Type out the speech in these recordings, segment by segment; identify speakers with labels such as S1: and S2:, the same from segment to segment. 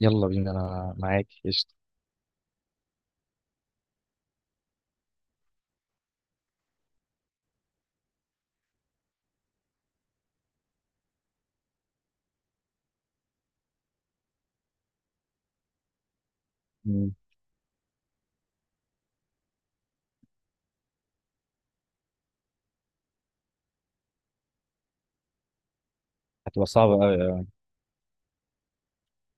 S1: يلا بينا، انا معاك قشطة. مم. هتبقى صعبة قوي، آه.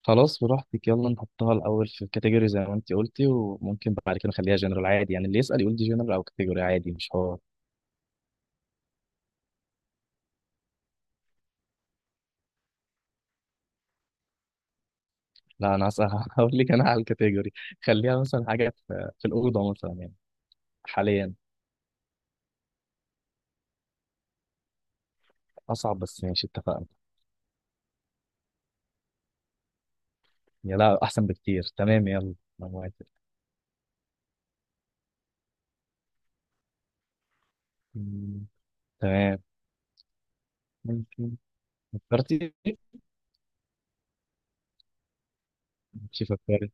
S1: خلاص براحتك، يلا نحطها الاول في كاتيجوري زي ما انت قلتي، وممكن بعد كده نخليها جنرال عادي، يعني اللي يسأل يقول دي جنرال او كاتيجوري، عادي مش هو. لا انا هسأل هقول لك انا على الكاتيجوري. خليها مثلا حاجة في الأوضة مثلا يعني حاليا. اصعب بس ماشي، اتفقنا. يا لا، احسن بكتير، تمام يلا. انا موافق. مم. تمام. ممكن. فكرتي. ماشي فكرت.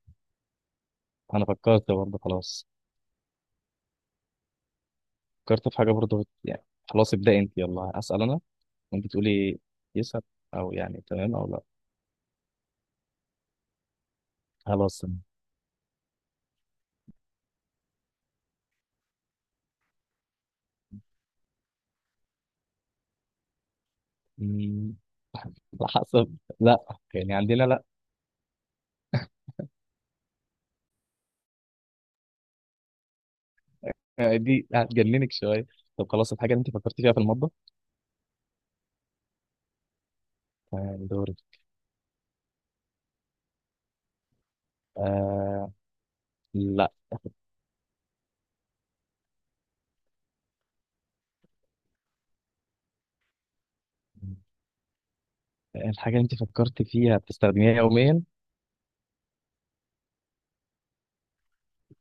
S1: انا فكرت برضه، خلاص. فكرت في حاجة برضه يعني. خلاص ابدأ انت، يلا اسأل انا. ممكن تقولي يسعد، او يعني تمام او لا. خلاص. أمم، على حسب لا. يعني عندنا لا. آه، دي هتجننك شويه. طب خلاص الحاجه اللي انت فكرت فيها في المطبخ؟ تمام، دوري. آه لا. الحاجه اللي انت فكرت فيها بتستخدميها يوميا؟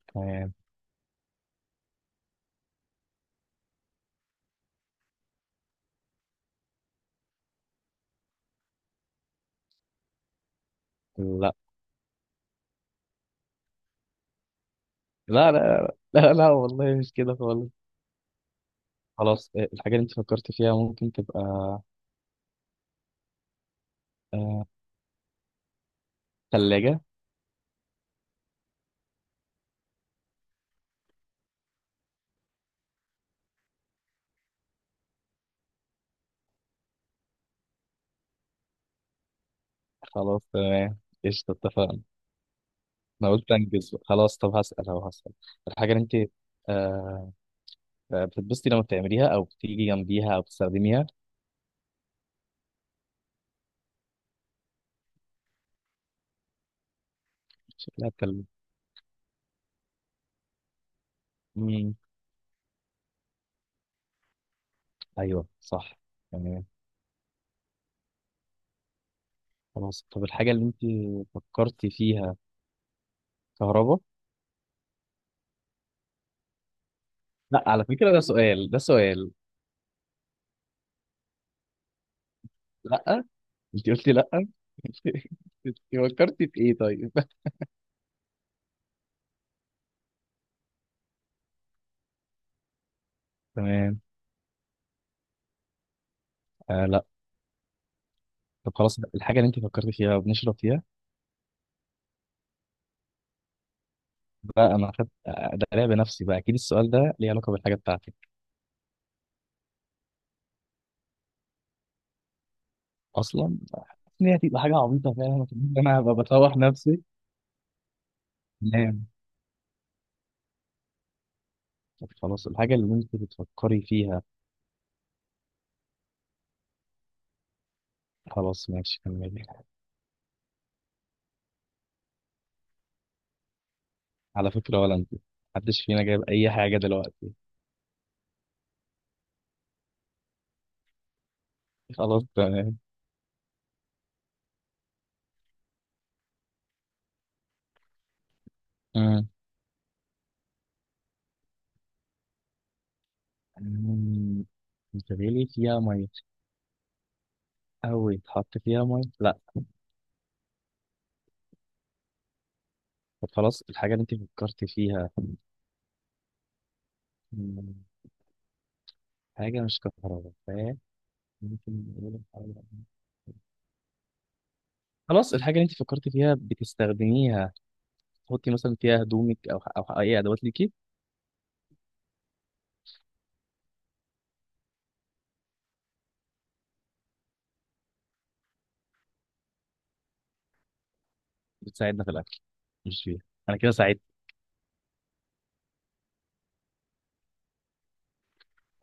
S1: تمام. لا لا لا لا، والله مش كده خالص. خلاص، الحاجه اللي انت فكرت فيها ممكن تبقى آه ثلاجه؟ خلاص تمام، قشطه اتفقنا. انا قلت انجز بقى. خلاص طب هسأل، اهو هسأل. الحاجة اللي انت، آه بتتبسطي لما بتعمليها او بتيجي جنبيها او بتستخدميها؟ شكلها اتكلم. مم، ايوه صح. تمام. خلاص طب الحاجة اللي انت فكرتي فيها كهرباء؟ لا على فكرة ده سؤال، ده سؤال. لا، انت قلتي لا انت فكرتي في ايه طيب؟ تمام. آه لا. طب خلاص الحاجة اللي انت فكرتي فيها وبنشرب فيها؟ بقى انا خدت، ده لعب نفسي بقى، اكيد السؤال ده ليه علاقة بالحاجة بتاعتك اصلا. ان هي هتبقى حاجه عبيطه فعلا، إن انا هبقى بطوح نفسي. نام. طب خلاص الحاجه اللي انت بتفكري فيها. خلاص ماشي كملي. على فكره ولا انت، محدش فينا جايب اي حاجه دلوقتي. خلاص تمام. مم. مم. انت بالي فيها ميه او يتحط فيها ميه؟ لا. طب خلاص الحاجه اللي انت فكرتي فيها، مم، حاجه مش كهرباء، فاهم؟ ممكن نقول الحاجة- خلاص الحاجه اللي انت فكرتي فيها بتستخدميها، تحطي مثلا فيها هدومك او او اي ادوات ليكي؟ بتساعدنا في الاكل، مش فيها. انا كده ساعدت،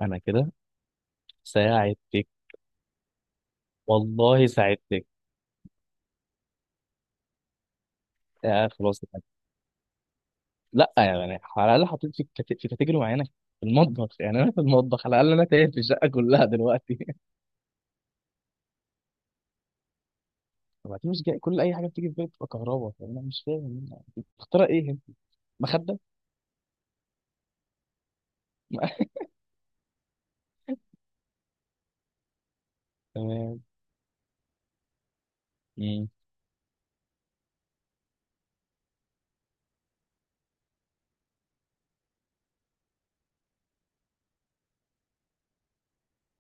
S1: انا كده ساعدتك. والله ساعدتك. آه خلاص يا فندم. لا يعني على الاقل حطيت في كت- في كاتيجوري معينه، في المطبخ. يعني انا في المطبخ على الاقل، انا تايه في الشقه كلها دلوقتي وبعدين مش جاي، كل اي حاجه بتيجي في بالي بتبقى كهرباء، انا مش فاهم اخترع ايه هنا. مخده؟ تمام. مم.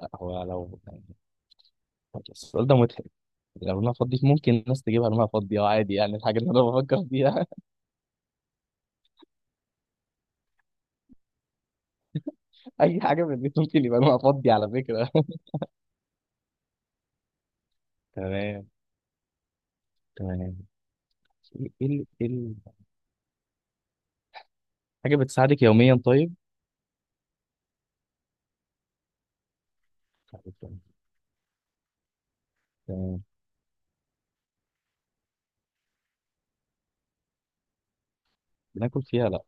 S1: لا، هو لو يعني، السؤال ده مضحك. لو انا فاضي ممكن الناس تجيبها لونها فاضي، اه عادي يعني الحاجه اللي انا بفكر فيها. اي حاجه في البيت ممكن يبقى لونها فاضي على فكره تمام. تمام. ايه إيه ال... إيه ال... حاجة بتساعدك يوميا طيب؟ تمام. بناكل فيها؟ لا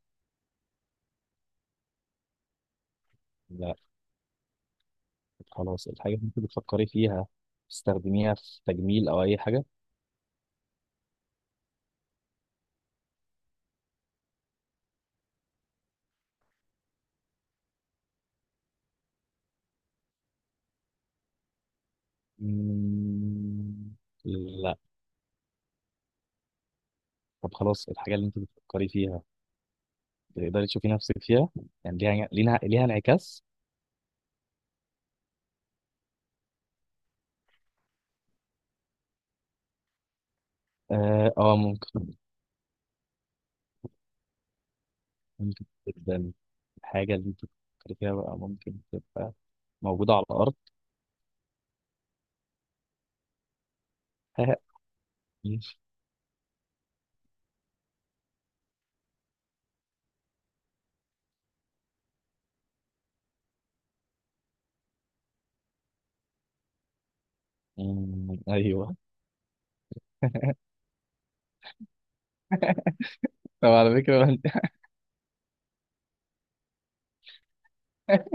S1: لا. خلاص الحاجة اللي انت بتفكري فيها بتستخدميها في تجميل أو أي حاجة؟ مم، لا. طب خلاص الحاجة اللي انت بتفكري فيها، بتقدري تشوفي نفسك فيها؟ يعني ليها ليها ليها انعكاس؟ اه، ممكن، ممكن جدا. الحاجة اللي انت بتفكري فيها بقى ممكن تبقى موجودة على الأرض؟ مم، أيوه طب على فكرة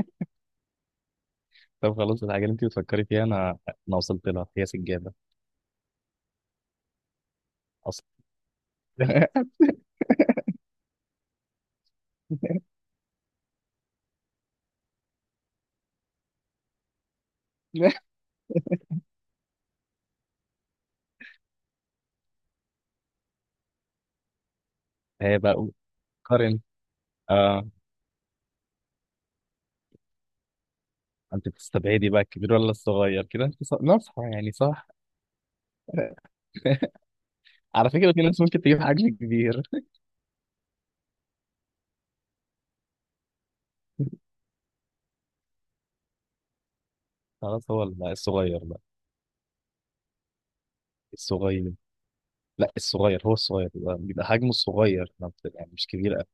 S1: طب خلاص الحاجة اللي انت بتفكري فيها انا، وصلت لها، هي سجادة اصلا هي بقى قارن، آه انت بتستبعدي بقى الكبير ولا الصغير كده؟ انت ص- ناصحة يعني، صح؟ على فكرة في ناس ممكن تجيب حجم كبير. خلاص هو ال- لا الصغير، لا الصغير لا، الصغير هو الصغير بيبقى، حجمه الصغير ما بت- يعني مش كبير قوي.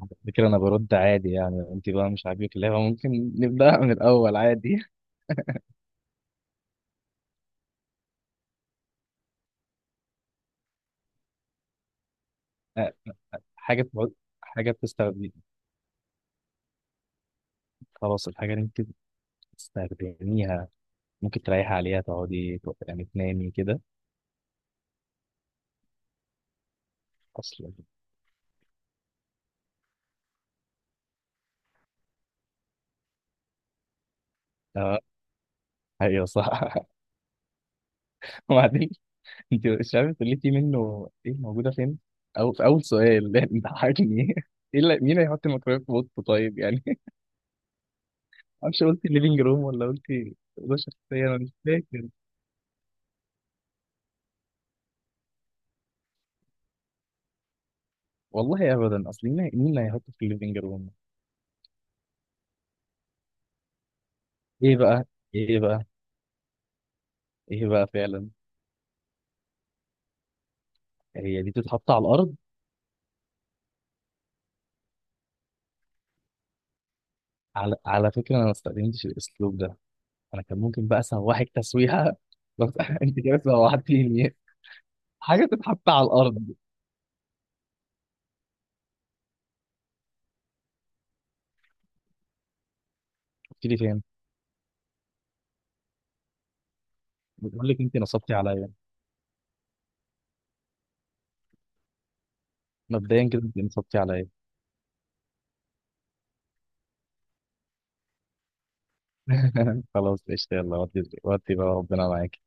S1: على فكرة انا برد عادي، يعني انت بقى مش عاجبك اللعبة ممكن نبدأها من الاول عادي. آه، حاجة بتقعد- حاجة بتستخدم، خلاص الحاجة اللي انت بتستخدميها ممكن تريحي عليها، تقعدي تو- يعني تنامي كده اصلا؟ اه، ايوه صح وبعدين انت مش عارفه قلتي منه ايه موجوده فين، او في اول سؤال انت حاجني. ايه اللي مين هيحط الميكرويف في اوضته طيب يعني معرفش قلتي ليفينج روم ولا قلتي اوضه شخصيه، انا مش فاكر. والله ابدا، اصل مين، اللي هيحطه في الليفينج روم؟ ايه بقى، ايه بقى ايه بقى فعلا. هي دي تتحط على الارض؟ على، فكره انا ما استخدمتش الاسلوب ده، انا كان ممكن بقى اسوحك تسويحه بس انت كده سوحتيني. حاجه تتحط على الارض. قلت لي فين. بقول لك انت نصبتي عليا. مبدئيا كده انت نصبتي عليا. خلاص قشطه، يلا ودي، بقى ربنا معاك.